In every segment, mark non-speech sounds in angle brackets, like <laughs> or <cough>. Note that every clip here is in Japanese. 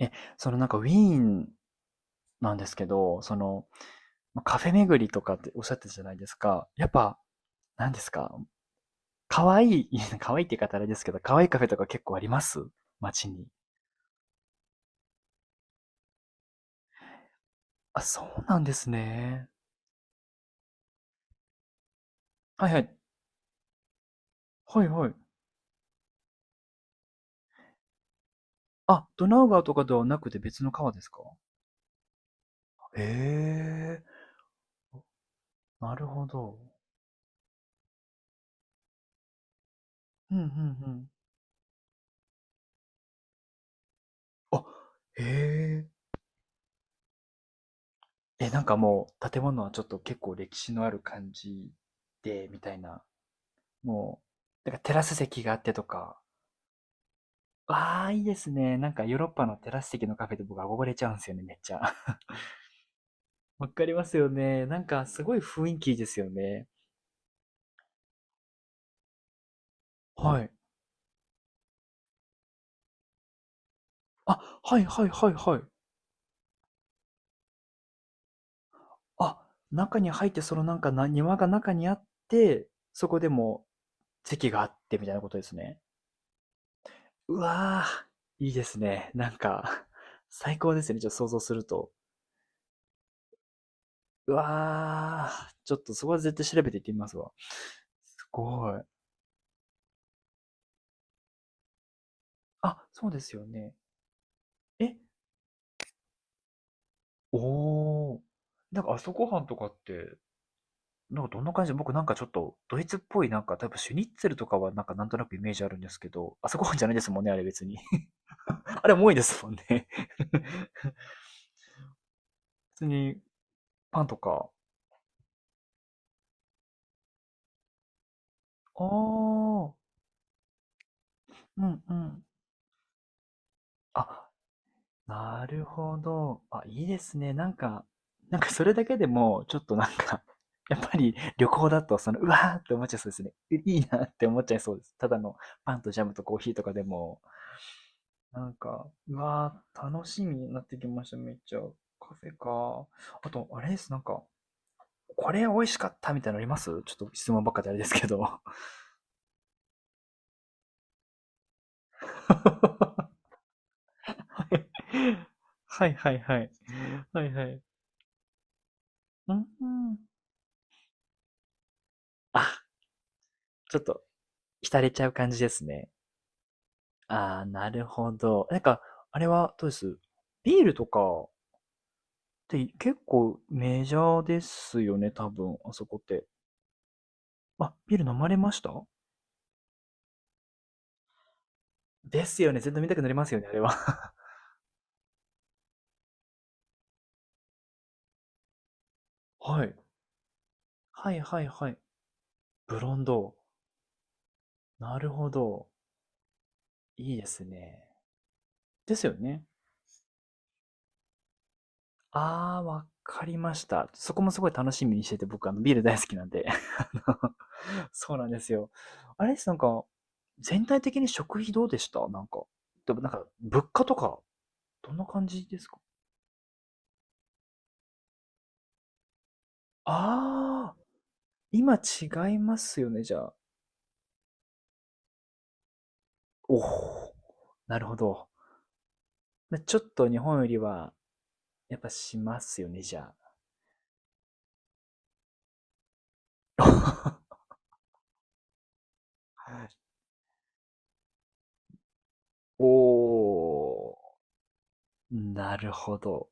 え、そのなんかウィーンなんですけど、その、ま、カフェ巡りとかっておっしゃってたじゃないですか。やっぱ、なんですか、可愛い、<laughs> いや、可愛いって言い方あれですけど、可愛いカフェとか結構あります街に。あ、そうなんですね。はいはい。はいはい。あ、ドナウ川とかではなくて別の川ですかへえ。なるほど。うんうんうん。あ、へえ。え、なんかもう建物はちょっと結構歴史のある感じで、みたいなもう、だからテラス席があってとか、ああ、いいですね。なんかヨーロッパのテラス席のカフェで僕憧れちゃうんですよね、めっちゃ。<laughs> わかりますよね。なんかすごい雰囲気いいですよね。はい。あ、はいはいはいはい。あ、中に入ってそのなんかな庭が中にあって、そこでも席があってみたいなことですね。うわあ、いいですね。なんか最高ですね。ちょっと想像すると。うわあ、ちょっとそこは絶対調べていってみますわ。すごい。あ、そうですよね。え、おお。なんか朝ごはんとかって、なんかどんな感じで、僕なんかちょっとドイツっぽいなんか、たぶんシュニッツェルとかはなんかなんとなくイメージあるんですけど、朝ごはんじゃないですもんね、あれ別に。<laughs> あれも多いですもんね。<laughs> 普通にパンとか。ああ、うんうん。あ、なるほど。あ、いいですね。なんか、なんかそれだけでも、ちょっとなんか <laughs> やっぱり旅行だと、その、うわーって思っちゃいそうですね。いいいなって思っちゃいそうです。ただのパンとジャムとコーヒーとかでも。なんか、うわー、楽しみになってきました、めっちゃ。カフェか。あと、あれです、なんか、これ美味しかったみたいなのありますちょっと質問ばっかであれですけど。<laughs> はいはいはい。はいはい。うんあ、ちょっと、浸れちゃう感じですね。ああ、なるほど。なんか、あれはどうですビールとかって結構メジャーですよね、多分、あそこって。あ、ビール飲まれましたですよね。全然見たくなりますよね、あれは。<laughs> はい。はいはいはい。ブロンド。なるほど。いいですね。ですよね。ああ、わかりました。そこもすごい楽しみにしてて、僕、あの、ビール大好きなんで。<laughs> あのそうなんですよ。あれです、なんか、全体的に食費どうでしたなんか。でもなんか、物価とか、どんな感じですかああ、今違いますよね、じゃあ。おお、なるほど。まあちょっと日本よりは、やっぱしますよね、じゃあ。<laughs> おお、なるほど。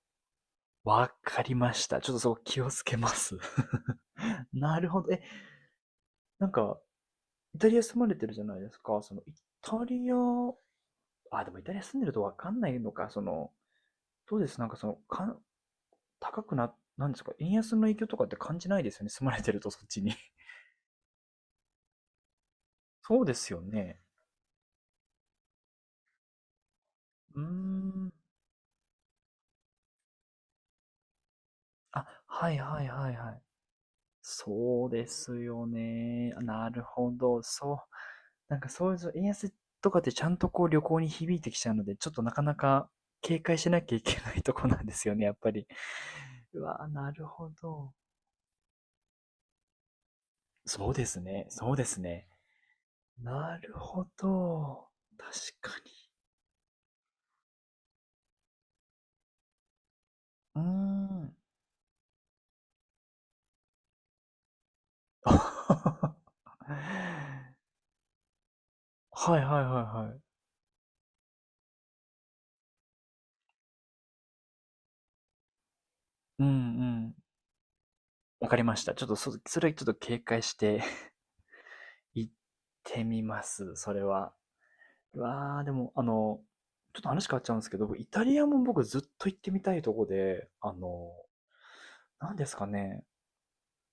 わかりました。ちょっとそこ気をつけます。<laughs> なるほど。え、なんか、イタリア住まれてるじゃないですか。その、イタリア、あ、でもイタリア住んでるとわかんないのか。その、どうですなんかその、かん、高くな、なんですか円安の影響とかって感じないですよね。住まれてるとそっちに。<laughs> そうですよね。うーん。あ、はいはいはいはい。そうですよね。なるほど。そう。なんかそういう円安とかってちゃんとこう旅行に響いてきちゃうので、ちょっとなかなか警戒しなきゃいけないとこなんですよね、やっぱり。うわ、なるほど。そうですね。そうですね。なるほど。確かに。うーん。<laughs> はいはいはいはい。うんうん。わかりました。ちょっとそ、それはちょっと警戒して <laughs> 行ってみます。それは。うわあ、でも、あの、ちょっと話変わっちゃうんですけど、僕イタリアも僕ずっと行ってみたいとこで、あの、なんですかね。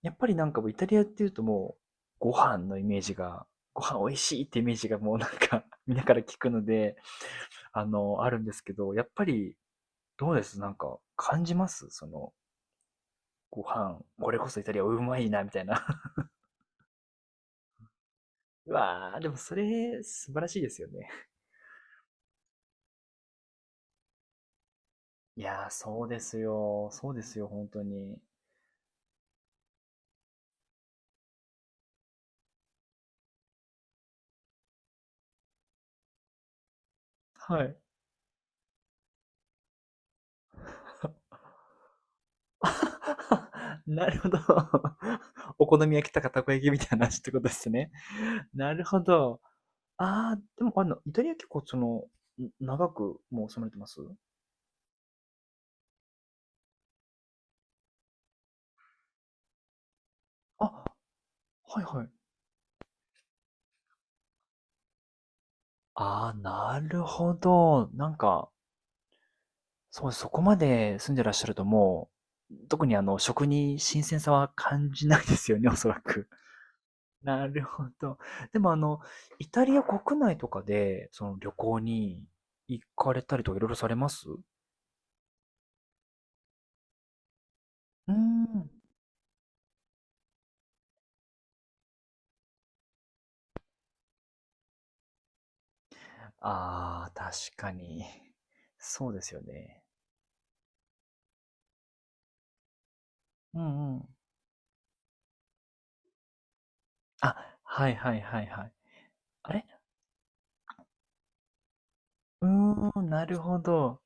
やっぱりなんかもうイタリアっていうともう、ご飯のイメージが、ご飯美味しいってイメージがもうなんか <laughs> みんなから聞くので、あの、あるんですけど、やっぱりどうですなんか感じますその、ご飯、これこそイタリアうまいな、みたいな。<laughs> うわー、でもそれ素晴らしいですよね。いやー、そうですよ。そうですよ、本当に。はい。<laughs> なるほど。<laughs> お好み焼きとかたこ焼きみたいな話ってことですね。なるほど。ああ、でも、あの、イタリア結構その、ん長くもう住まれてますあ、はいはい。ああ、なるほど。なんか、そう、そこまで住んでらっしゃるともう、特にあの、食に新鮮さは感じないですよね、おそらく。<laughs> なるほど。でもあの、イタリア国内とかで、その旅行に行かれたりとかいろいろされますうーん。ああ、確かに。そうですよね。うんうん。あ、はいはいはいはい。あれうーん、なるほど。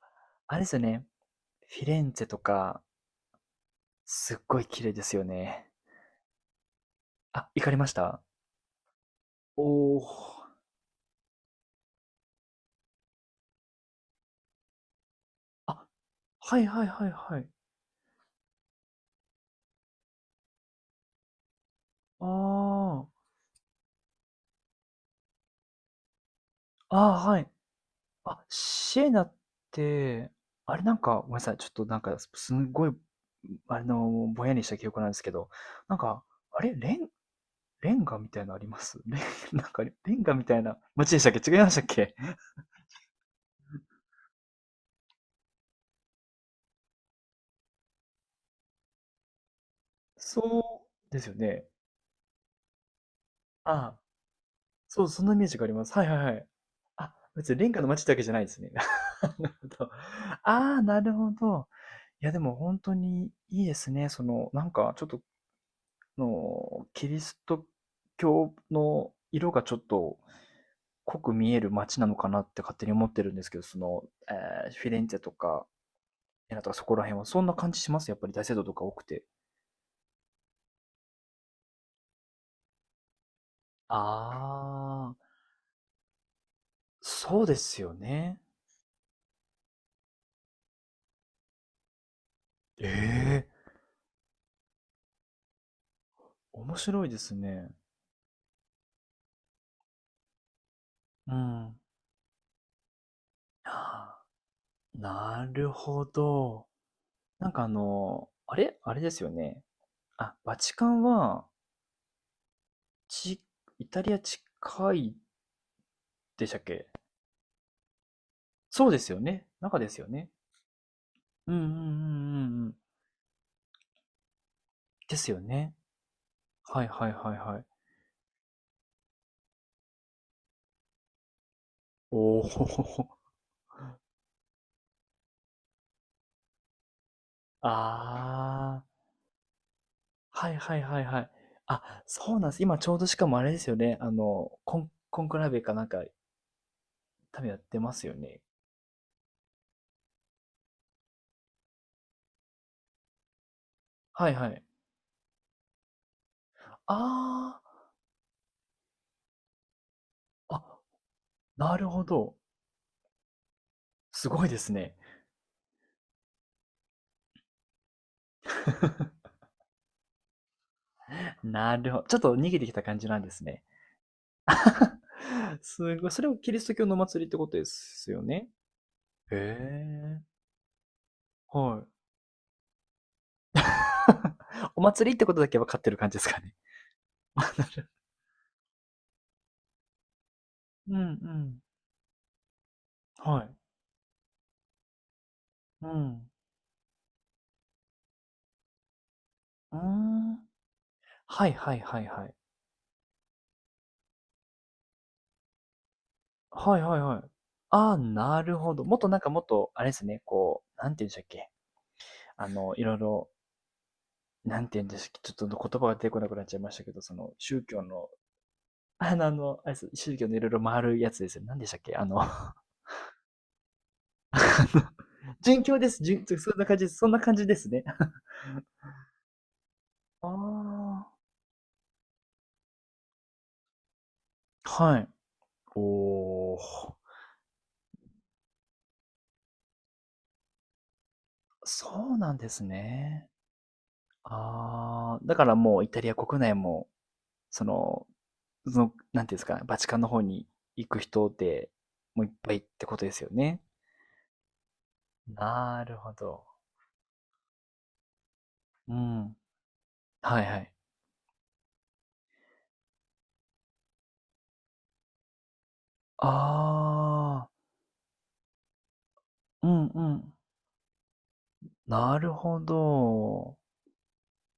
あれですよね。フィレンツェとか、すっごい綺麗ですよね。あ、行かれましたおー。あ、はいはいはいはい。ああ、ああ、はい。あ、シエナって、あれなんか、ごめんなさい。ちょっとなんか、すすんごい、あの、ぼんやりした記憶なんですけど、なんか、あれレン、レンガみたいなのあります <laughs> なんかレンガみたいな街でしたっけ違いましたっけそうですよね。あそう、そんなイメージがあります。はいはいはい。あ、別に、レンガの街ってわけじゃないですね。<laughs> なるほど。ああ、なるほど。いや、でも本当にいいですね。その、なんかちょっと、の、キリスト教の色がちょっと濃く見える街なのかなって勝手に思ってるんですけど、その、フィレンツェとか、エナとかそこら辺はそんな感じします？やっぱり大聖堂とか多くて。ああ、そうですよね。ええ、面白いですね。うん。ああ。なるほど。なんかあの、あれあれですよね。あ、バチカンは、ち、イタリア近いでしたっけそうですよね。中ですよね。うんうんうんうんうん。ですよね。はいはいはいはい。おお。<laughs> ああ。はいはいはいはい。あ、そうなんです。今ちょうどしかもあれですよね。あの、コンクラベかなんか、多分やってますよね。はいはい。ああ。あ、なるほど。すごいですね。<laughs> なるほど。ちょっと逃げてきた感じなんですね。すごい。それをキリスト教のお祭りってことですよね。へえ。はい。<laughs> お祭りってことだけ分かってる感じですかね。うんうん。はい。うん。うーん。はいはいはいはい。はいはいはい。ああ、なるほど。もっとなんかもっと、あれですね、こう、なんて言うんでしたっけ。あの、いろいろ、なんて言うんでしたっけ。ちょっと言葉が出てこなくなっちゃいましたけど、その、宗教の、あの、あのあれです宗教のいろいろ回るやつですよ。なんでしたっけあの <laughs> 殉教です。そんな感じです。そんな感じですね。<laughs> ああ。はい。おー。そうなんですね。ああ。だからもうイタリア国内も、その、その、なんていうんですかね、バチカンの方に行く人でもういっぱいってことですよね。なるほど。うん。はいはい。ああ。うんうん。なるほど。